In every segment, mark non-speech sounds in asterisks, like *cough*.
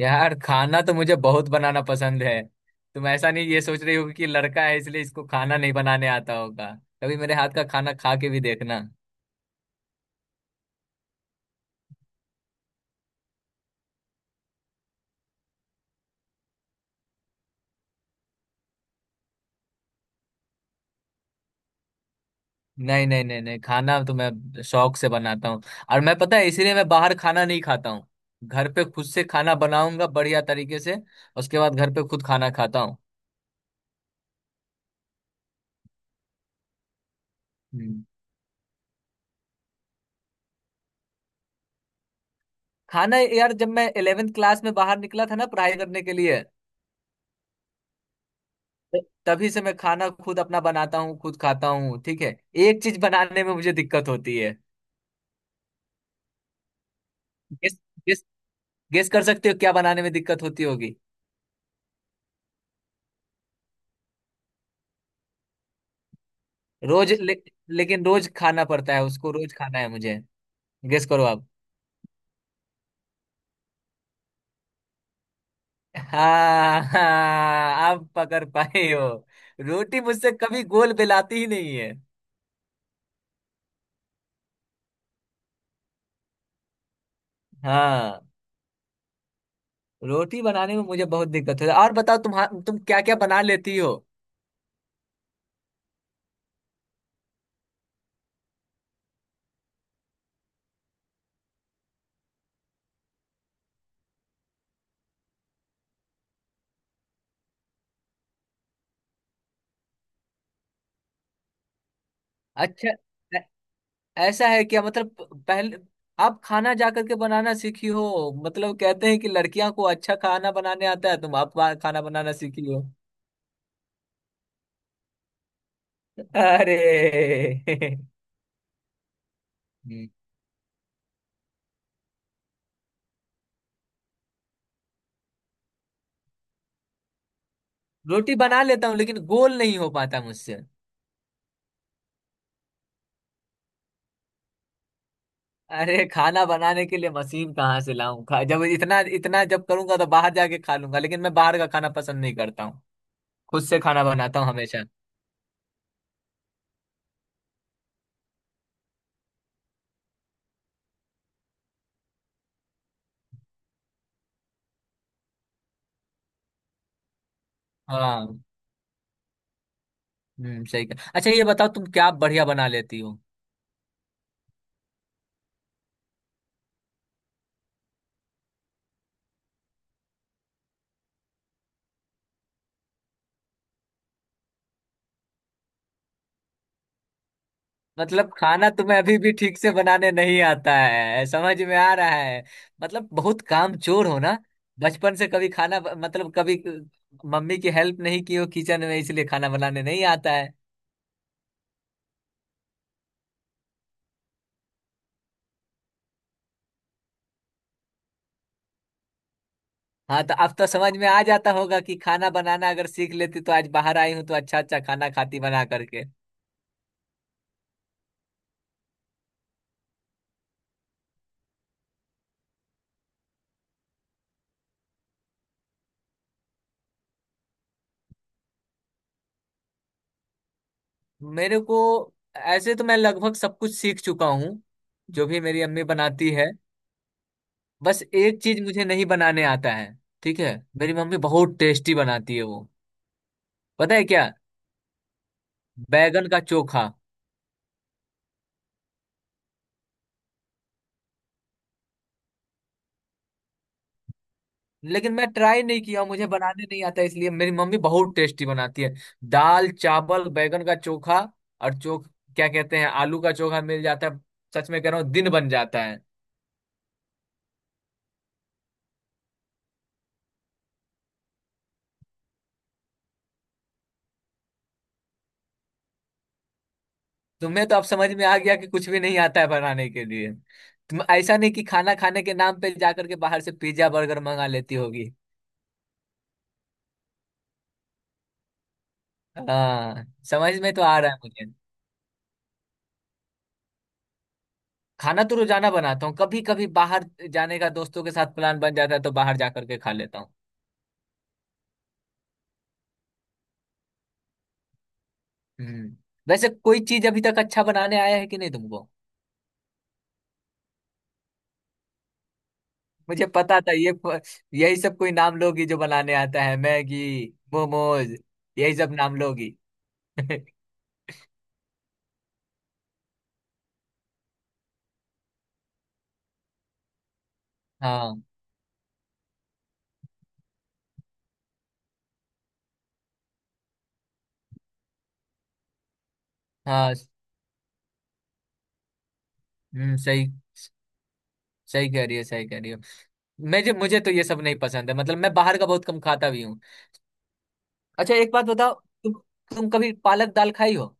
यार खाना तो मुझे बहुत बनाना पसंद है। तुम ऐसा नहीं ये सोच रही होगी कि लड़का है इसलिए इसको खाना नहीं बनाने आता होगा। कभी मेरे हाथ का खाना खा के भी देखना। नहीं नहीं नहीं नहीं, खाना तो मैं शौक से बनाता हूँ। और मैं पता है इसलिए मैं बाहर खाना नहीं खाता हूँ। घर पे खुद से खाना बनाऊंगा बढ़िया तरीके से। उसके बाद घर पे खुद खाना खाता हूँ। हम्म। खाना यार, जब मैं 11वीं क्लास में बाहर निकला था ना पढ़ाई करने के लिए, तो तभी से मैं खाना खुद अपना बनाता हूँ, खुद खाता हूँ। ठीक है। एक चीज बनाने में मुझे दिक्कत होती है। गेस। गेस। गेस कर सकते हो क्या बनाने में दिक्कत होती होगी? रोज ले, लेकिन रोज खाना पड़ता है, उसको रोज खाना है मुझे। गेस करो आप। हाँ, हाँ, आप पकड़ पाए हो। रोटी मुझसे कभी गोल बेलाती ही नहीं है। हाँ। रोटी बनाने में मुझे बहुत दिक्कत होती है। और बताओ, तुम क्या क्या बना लेती हो? अच्छा। ऐ- ऐसा है क्या, मतलब पहले आप खाना जा करके बनाना सीखी हो? मतलब कहते हैं कि लड़कियां को अच्छा खाना बनाने आता है, तुम आप खाना बनाना सीखी हो? अरे! *laughs* हम्म, रोटी बना लेता हूँ लेकिन गोल नहीं हो पाता मुझसे। अरे, खाना बनाने के लिए मशीन कहाँ से लाऊं, खा जब इतना इतना जब करूंगा तो बाहर जाके खा लूंगा, लेकिन मैं बाहर का खाना पसंद नहीं करता हूँ। खुद से खाना बनाता हूँ हमेशा। हाँ। सही कहा। अच्छा ये बताओ, तुम क्या बढ़िया बना लेती हो? मतलब खाना तुम्हें अभी भी ठीक से बनाने नहीं आता है, समझ में आ रहा है। मतलब बहुत कामचोर हो ना। बचपन से कभी खाना, मतलब कभी मम्मी की हेल्प नहीं की हो किचन में, इसलिए खाना बनाने नहीं आता है। हाँ, तो अब तो समझ में आ जाता होगा कि खाना बनाना अगर सीख लेती तो आज बाहर आई हूँ तो अच्छा अच्छा खाना खाती बना करके। मेरे को ऐसे तो मैं लगभग सब कुछ सीख चुका हूँ, जो भी मेरी अम्मी बनाती है। बस एक चीज मुझे नहीं बनाने आता है। ठीक है, मेरी मम्मी बहुत टेस्टी बनाती है वो। पता है क्या? बैगन का चोखा। लेकिन मैं ट्राई नहीं किया, मुझे बनाने नहीं आता, इसलिए मेरी मम्मी बहुत टेस्टी बनाती है। दाल, चावल, बैगन का चोखा, और चोख क्या कहते हैं, आलू का चोखा मिल जाता है। सच में कह रहा हूँ, दिन बन जाता है। तो मैं, तो अब समझ में आ गया कि कुछ भी नहीं आता है बनाने के लिए। तुम ऐसा नहीं कि खाना खाने के नाम पे जाकर के बाहर से पिज्जा बर्गर मंगा लेती होगी? हाँ, समझ में तो आ रहा है मुझे। खाना तो रोजाना बनाता हूँ, कभी कभी बाहर जाने का दोस्तों के साथ प्लान बन जाता है तो बाहर जाकर के खा लेता हूँ। हम्म वैसे कोई चीज अभी तक अच्छा बनाने आया है कि नहीं तुमको? मुझे पता था, ये यही सब कोई नाम लोगी जो बनाने आता है, मैगी, मोमोज, यही सब नाम लोगी। *laughs* हाँ, हाँ। सही, सही कह रही हो, सही कह रही हो। मुझे मुझे तो ये सब नहीं पसंद है, मतलब मैं बाहर का बहुत कम खाता भी हूँ। अच्छा एक बात बताओ, तुम तुम कभी पालक दाल खाई हो?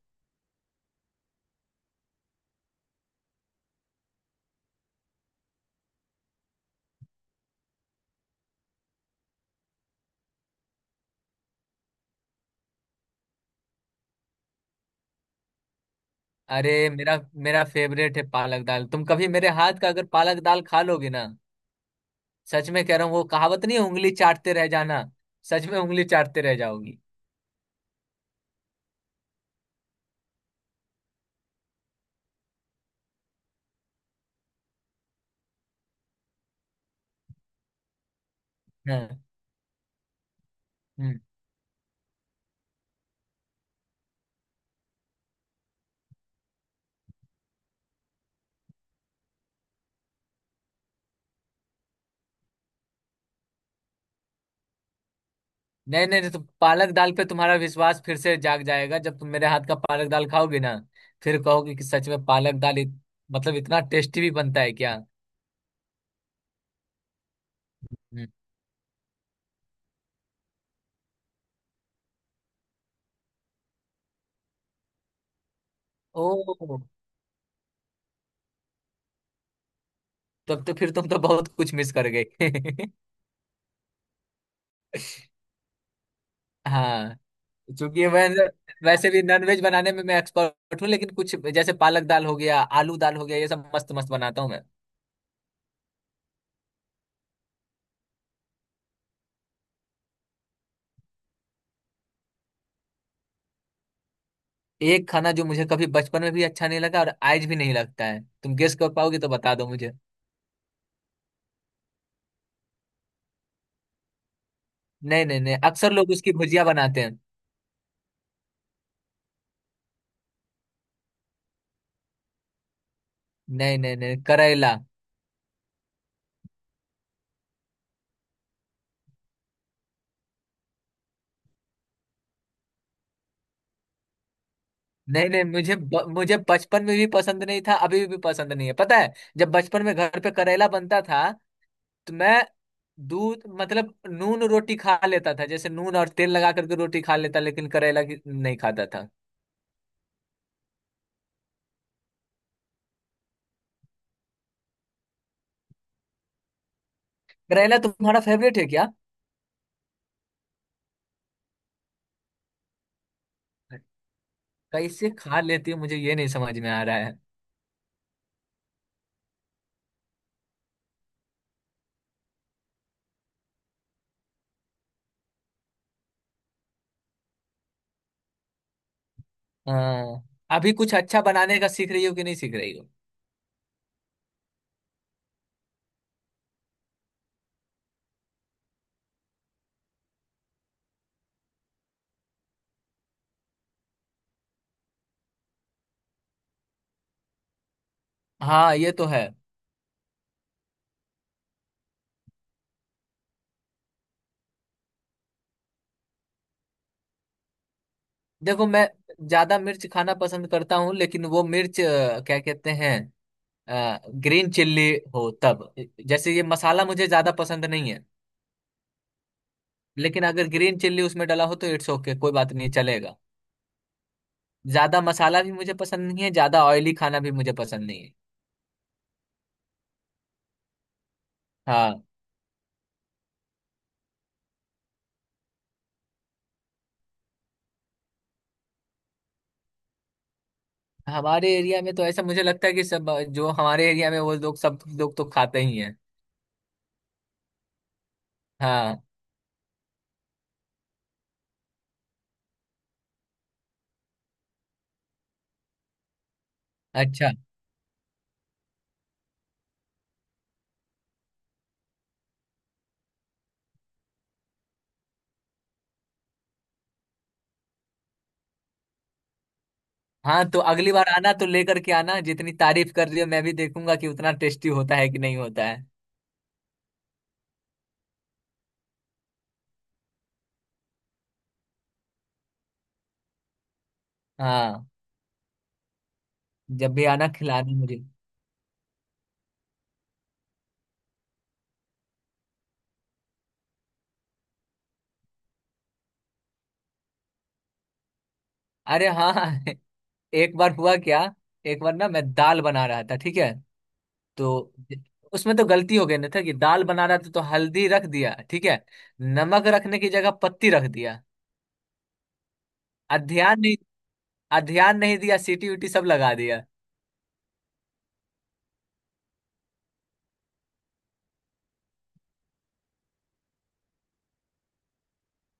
अरे, मेरा मेरा फेवरेट है पालक दाल। तुम कभी मेरे हाथ का अगर पालक दाल खा लोगे ना, सच में कह रहा हूँ, वो कहावत नहीं है, उंगली चाटते रह जाना, सच में उंगली चाटते रह जाओगी। हाँ। हम्म। नहीं नहीं नहीं, तो पालक दाल पे तुम्हारा विश्वास फिर से जाग जाएगा जब तुम मेरे हाथ का पालक दाल खाओगे ना। फिर कहोगे कि सच में पालक दाल मतलब इतना टेस्टी भी बनता है क्या? हम्म। ओह, तब तो फिर तुम तो बहुत कुछ मिस कर गए। *laughs* हाँ, क्योंकि मैं वैसे भी नॉनवेज बनाने में मैं एक्सपर्ट हूँ, लेकिन कुछ जैसे पालक दाल हो गया, आलू दाल हो गया, ये सब मस्त मस्त बनाता हूँ मैं। एक खाना जो मुझे कभी बचपन में भी अच्छा नहीं लगा और आज भी नहीं लगता है, तुम गेस कर पाओगे तो बता दो मुझे। नहीं नहीं नहीं, अक्सर लोग उसकी भुजिया बनाते हैं। नहीं नहीं नहीं, करेला। नहीं नहीं, मुझे मुझे बचपन में भी पसंद नहीं था, अभी भी पसंद नहीं है। पता है, जब बचपन में घर पे करेला बनता था तो मैं दूध, मतलब नून रोटी खा लेता था, जैसे नून और तेल लगा करके रोटी खा लेता, लेकिन करेला की नहीं खाता था। करेला तुम्हारा फेवरेट है क्या? कैसे खा लेती हो, मुझे ये नहीं समझ में आ रहा है। हाँ, अभी कुछ अच्छा बनाने का सीख रही हो कि नहीं सीख रही हो? हाँ, ये तो है। देखो, मैं ज्यादा मिर्च खाना पसंद करता हूँ, लेकिन वो मिर्च क्या कहते हैं, ग्रीन चिल्ली हो तब। जैसे ये मसाला मुझे ज्यादा पसंद नहीं है, लेकिन अगर ग्रीन चिल्ली उसमें डला हो तो इट्स ओके, कोई बात नहीं चलेगा। ज्यादा मसाला भी मुझे पसंद नहीं है, ज्यादा ऑयली खाना भी मुझे पसंद नहीं है। हाँ। हमारे एरिया में तो ऐसा मुझे लगता है कि सब, जो हमारे एरिया में वो लोग, सब लोग तो खाते ही हैं। हाँ। अच्छा। हाँ, तो अगली बार आना तो लेकर के आना, जितनी तारीफ कर रही हो, मैं भी देखूंगा कि उतना टेस्टी होता है कि नहीं होता है। हाँ, जब भी आना खिलाना मुझे। अरे हाँ! *laughs* एक बार हुआ क्या, एक बार ना मैं दाल बना रहा था, ठीक है? तो उसमें तो गलती हो गई ना, था कि दाल बना रहा था तो हल्दी रख दिया ठीक है, नमक रखने की जगह पत्ती रख दिया। और ध्यान नहीं और ध्यान नहीं दिया, सीटी उटी सब लगा दिया।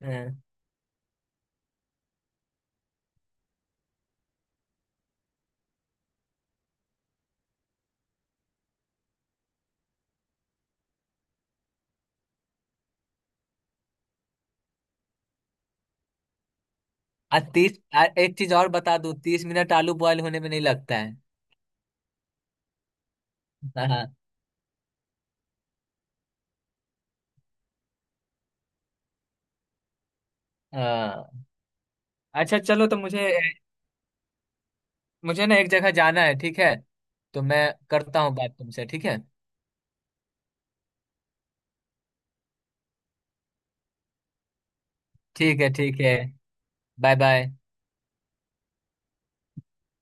हाँ, और तीस, और एक चीज और बता दूं, 30 मिनट आलू बॉयल होने में नहीं लगता है। हाँ, हाँ। अच्छा चलो, तो मुझे मुझे ना एक जगह जाना है, ठीक है। तो मैं करता हूँ बात तुमसे, ठीक है? ठीक है, ठीक है। Bye bye.